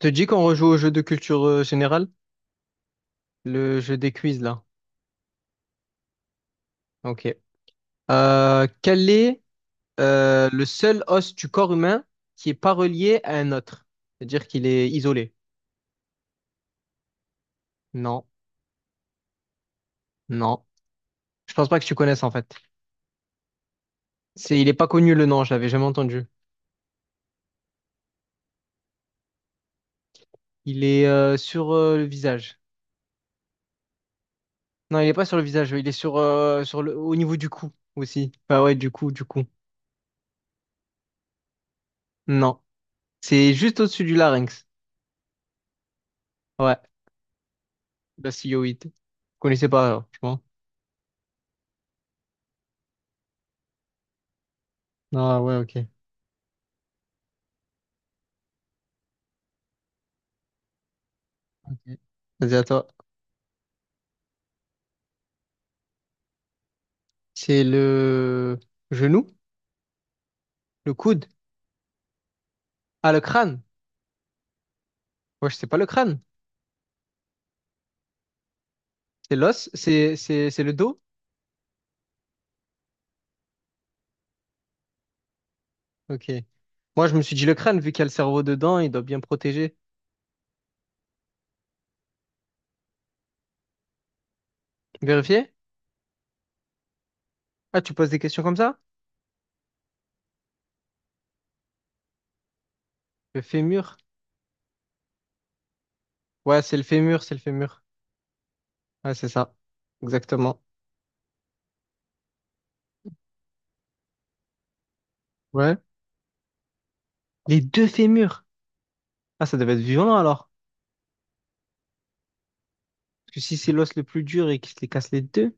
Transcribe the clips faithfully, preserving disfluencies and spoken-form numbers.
Te dis qu'on rejoue au jeu de culture euh, générale, le jeu des quiz là. Ok. Euh, quel est euh, le seul os du corps humain qui est pas relié à un autre? C'est-à-dire qu'il est isolé. Non, non. Je pense pas que tu connaisses en fait. C'est, il est pas connu le nom, je l'avais jamais entendu. Il est euh, sur euh, le visage. Non, il est pas sur le visage. Il est sur euh, sur le au niveau du cou aussi. Bah ouais, du cou, du cou. Non, c'est juste au-dessus du larynx. Ouais, la hyoïde. Vous connaissez pas, alors, je pense. Ah ouais, ok. Vas-y, à toi. C'est le genou, le coude. Ah, le crâne. Moi, je sais pas le crâne. C'est l'os, c'est c'est c'est le dos. Ok. Moi, je me suis dit le crâne, vu qu'il y a le cerveau dedans, il doit bien protéger. Vérifier? Ah, tu poses des questions comme ça? Le fémur. Ouais, c'est le fémur, c'est le fémur. Ouais, c'est ça. Exactement. Ouais. Les deux fémurs. Ah, ça devait être violent alors. Parce que si c'est l'os le plus dur et qu'il se les casse les deux.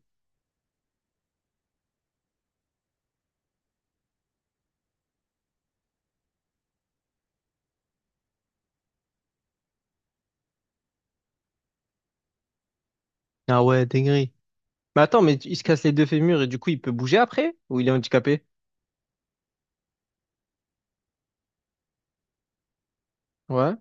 Ah ouais, dinguerie. Mais attends, mais il se casse les deux fémurs et du coup, il peut bouger après? Ou il est handicapé? Ouais.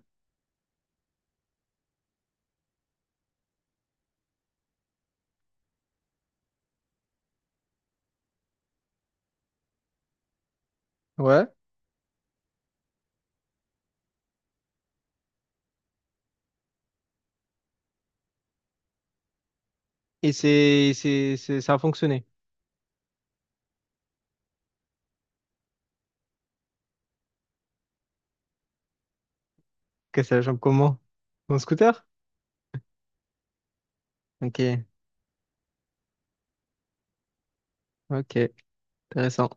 Ouais. Et c'est, c'est, c'est, ça a fonctionné. Ok, c'est la jambe comment? Mon scooter? Ok, ok, intéressant.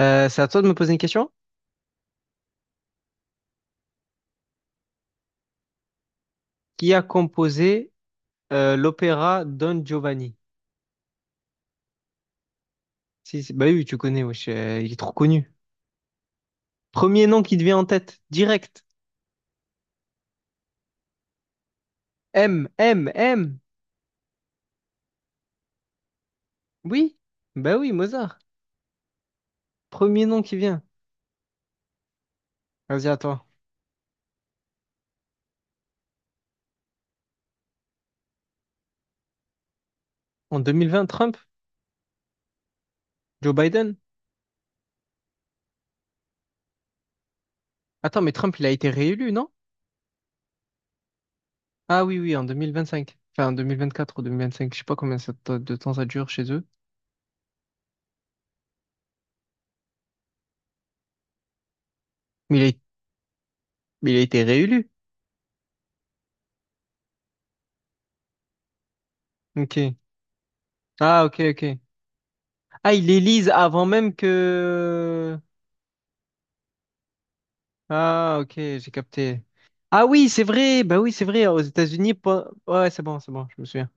Euh, c'est à toi de me poser une question. Qui a composé euh, l'opéra Don Giovanni? Si, si, bah oui, tu connais, wesh, euh, il est trop connu. Premier nom qui te vient en tête, direct. M, M, M. Oui, bah oui, Mozart. Premier nom qui vient. Vas-y, à toi. En deux mille vingt, Trump, Joe Biden. Attends, mais Trump, il a été réélu, non? Ah oui, oui, en deux mille vingt-cinq. Enfin, en deux mille vingt-quatre ou deux mille vingt-cinq. Je sais pas combien ça t- de temps ça dure chez eux. Mais il a, mais il a été réélu. Ok. Ah, ok, ok. Ah, il élise avant même que... Ah, ok, j'ai capté. Ah oui, c'est vrai. Bah oui, c'est vrai. Aux États-Unis, pas- ouais, c'est bon, c'est bon, je me souviens.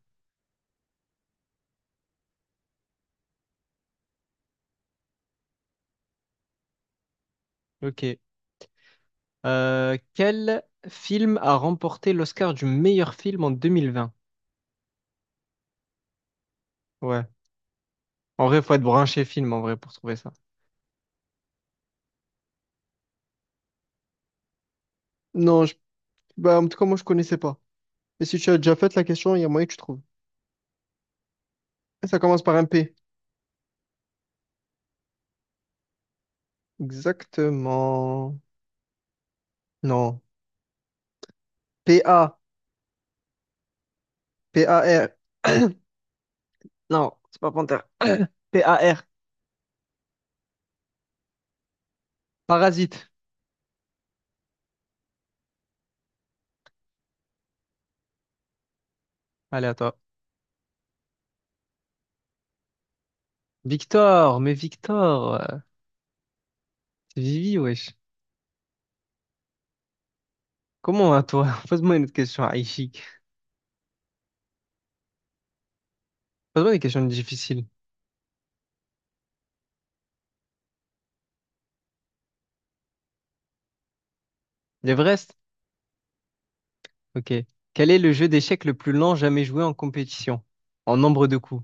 Ok. Euh, quel film a remporté l'Oscar du meilleur film en deux mille vingt? Ouais. En vrai, faut être branché film, en vrai, pour trouver ça. Non, je- bah, en tout cas, moi, je connaissais pas. Mais si tu as déjà fait la question, il y a moyen que tu trouves. Ça commence par un P. Exactement. Non. P-A. P-A-R. Non, c'est pas panthère. P-A-R. Parasite. Allez, à toi. Victor, mais Victor, euh, c'est Vivi, wesh. Comment à toi? Pose-moi une autre question, Aïchik. Pose-moi des questions difficiles. L'Everest? Ok. Quel est le jeu d'échecs le plus lent jamais joué en compétition? En nombre de coups.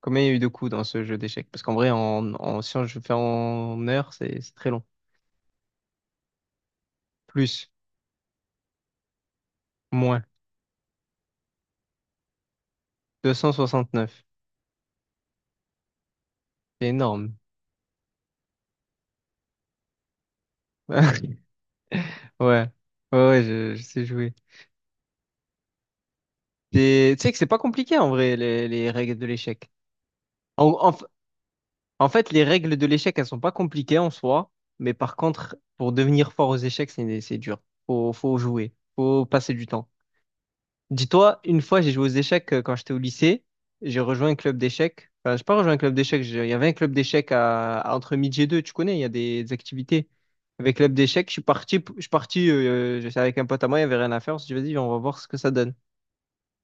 Combien il y a eu de coups dans ce jeu d'échecs? Parce qu'en vrai, en, en, si on- je fais en heure, c'est c'est très long. Plus, moins. deux cent soixante-neuf. C'est énorme. Ouais, ouais, ouais, je, je sais jouer. Et tu sais que c'est pas compliqué en vrai, les, les règles de l'échec. En, en, f- en fait, les règles de l'échec, elles sont pas compliquées en soi, mais par contre, pour devenir fort aux échecs, c'est c'est dur. Faut, faut jouer, faut passer du temps. Dis-toi, une fois, j'ai joué aux échecs euh, quand j'étais au lycée, j'ai rejoint un club d'échecs. Enfin, j'ai pas rejoint un club d'échecs, j'ai- il y avait un club d'échecs à, à entre midi et deux, tu connais, il y a des, des activités. Avec club d'échecs, je suis parti, p- je suis parti, euh, euh, j'étais avec un pote à moi, il y avait rien à faire, on s'est dit, vas-y, on va voir ce que ça donne.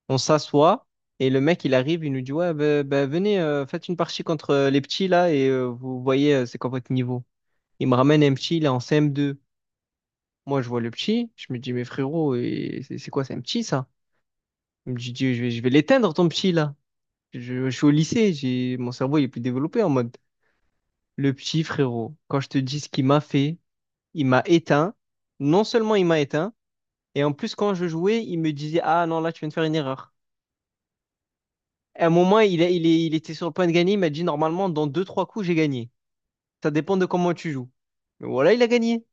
On s'assoit et le mec, il arrive, il nous dit, ouais, ben ben, venez, euh, faites une partie contre euh, les petits là et euh, vous voyez, euh, c'est quoi votre niveau. Il me ramène un petit, il est en C M deux. Moi, je vois le petit, je me dis, mais frérot, et c'est c'est quoi, c'est un petit ça? Il me dit, Dieu, je vais, je vais l'éteindre ton petit là. Je, je suis au lycée, j'ai, mon cerveau, il est plus développé en mode, le petit frérot, quand je te dis ce qu'il m'a fait, il m'a éteint. Non seulement il m'a éteint, et en plus, quand je jouais, il me disait, ah non, là, tu viens de faire une erreur. À un moment, il, a- il, est- il était sur le point de gagner. Il m'a dit, normalement, dans deux, trois coups, j'ai gagné. Ça dépend de comment tu joues. Mais voilà, il a gagné.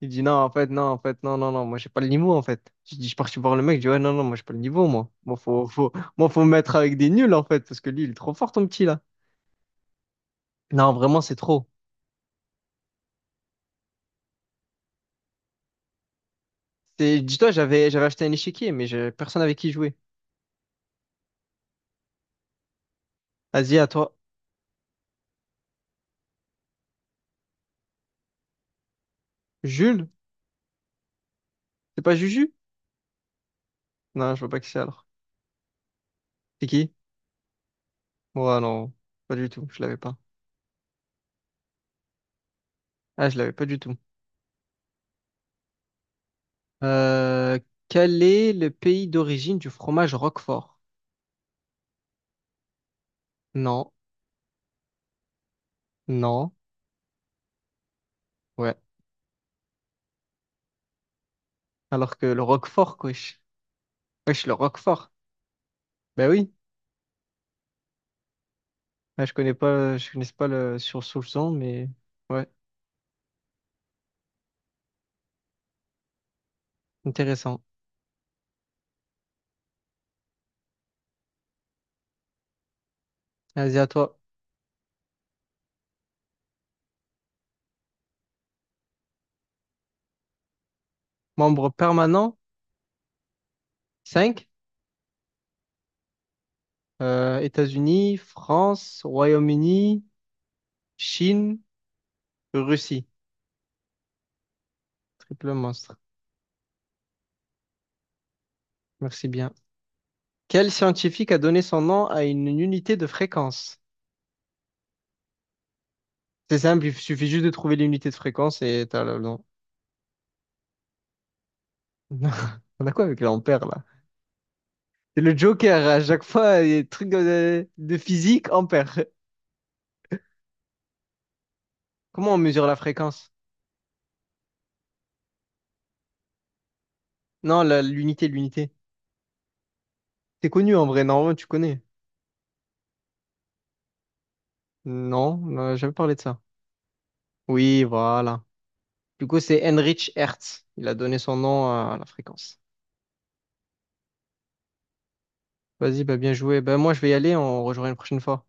Il dit, non, en fait, non, en fait, non, non, non, moi, j'ai pas le niveau, en fait. Je dis, je suis parti voir le mec. Je dis, ouais, non, non, moi, j'ai pas le niveau, moi. Moi, faut, faut, moi, faut me mettre avec des nuls, en fait, parce que lui, il est trop fort, ton petit, là. Non, vraiment, c'est trop. C'est- dis-toi, j'avais, j'avais acheté un échiquier, mais j'avais personne avec qui jouer. Vas-y, à toi. Jules? C'est pas Juju? Non, je vois pas qui c'est, alors. C'est qui? Ouais, non, pas du tout. Je l'avais pas. Ah, je l'avais pas du tout. Euh, quel est le pays d'origine du fromage Roquefort? Non, non, ouais. Alors que le Roquefort, wesh. Wesh, le Roquefort. Ben oui. Ouais, je connais pas, je connais pas le sur sous le son, mais ouais, intéressant. Vas-y, à toi. Membre permanent, cinq. Euh, États-Unis, France, Royaume-Uni, Chine, Russie. Triple monstre. Merci bien. Quel scientifique a donné son nom à une unité de fréquence? C'est simple, il suffit juste de trouver l'unité de fréquence et t'as le... non. On a quoi avec l'ampère là? C'est le joker, à chaque fois, il y a des trucs de, de physique, ampère. Comment on mesure la fréquence? Non, la- l'unité, l'unité. C'est connu en vrai, normalement tu connais. Non, on n'a jamais parlé de ça. Oui, voilà. Du coup, c'est Heinrich Hertz. Il a donné son nom à la fréquence. Vas-y, bah bien joué. Bah moi, je vais y aller, on rejoint une prochaine fois.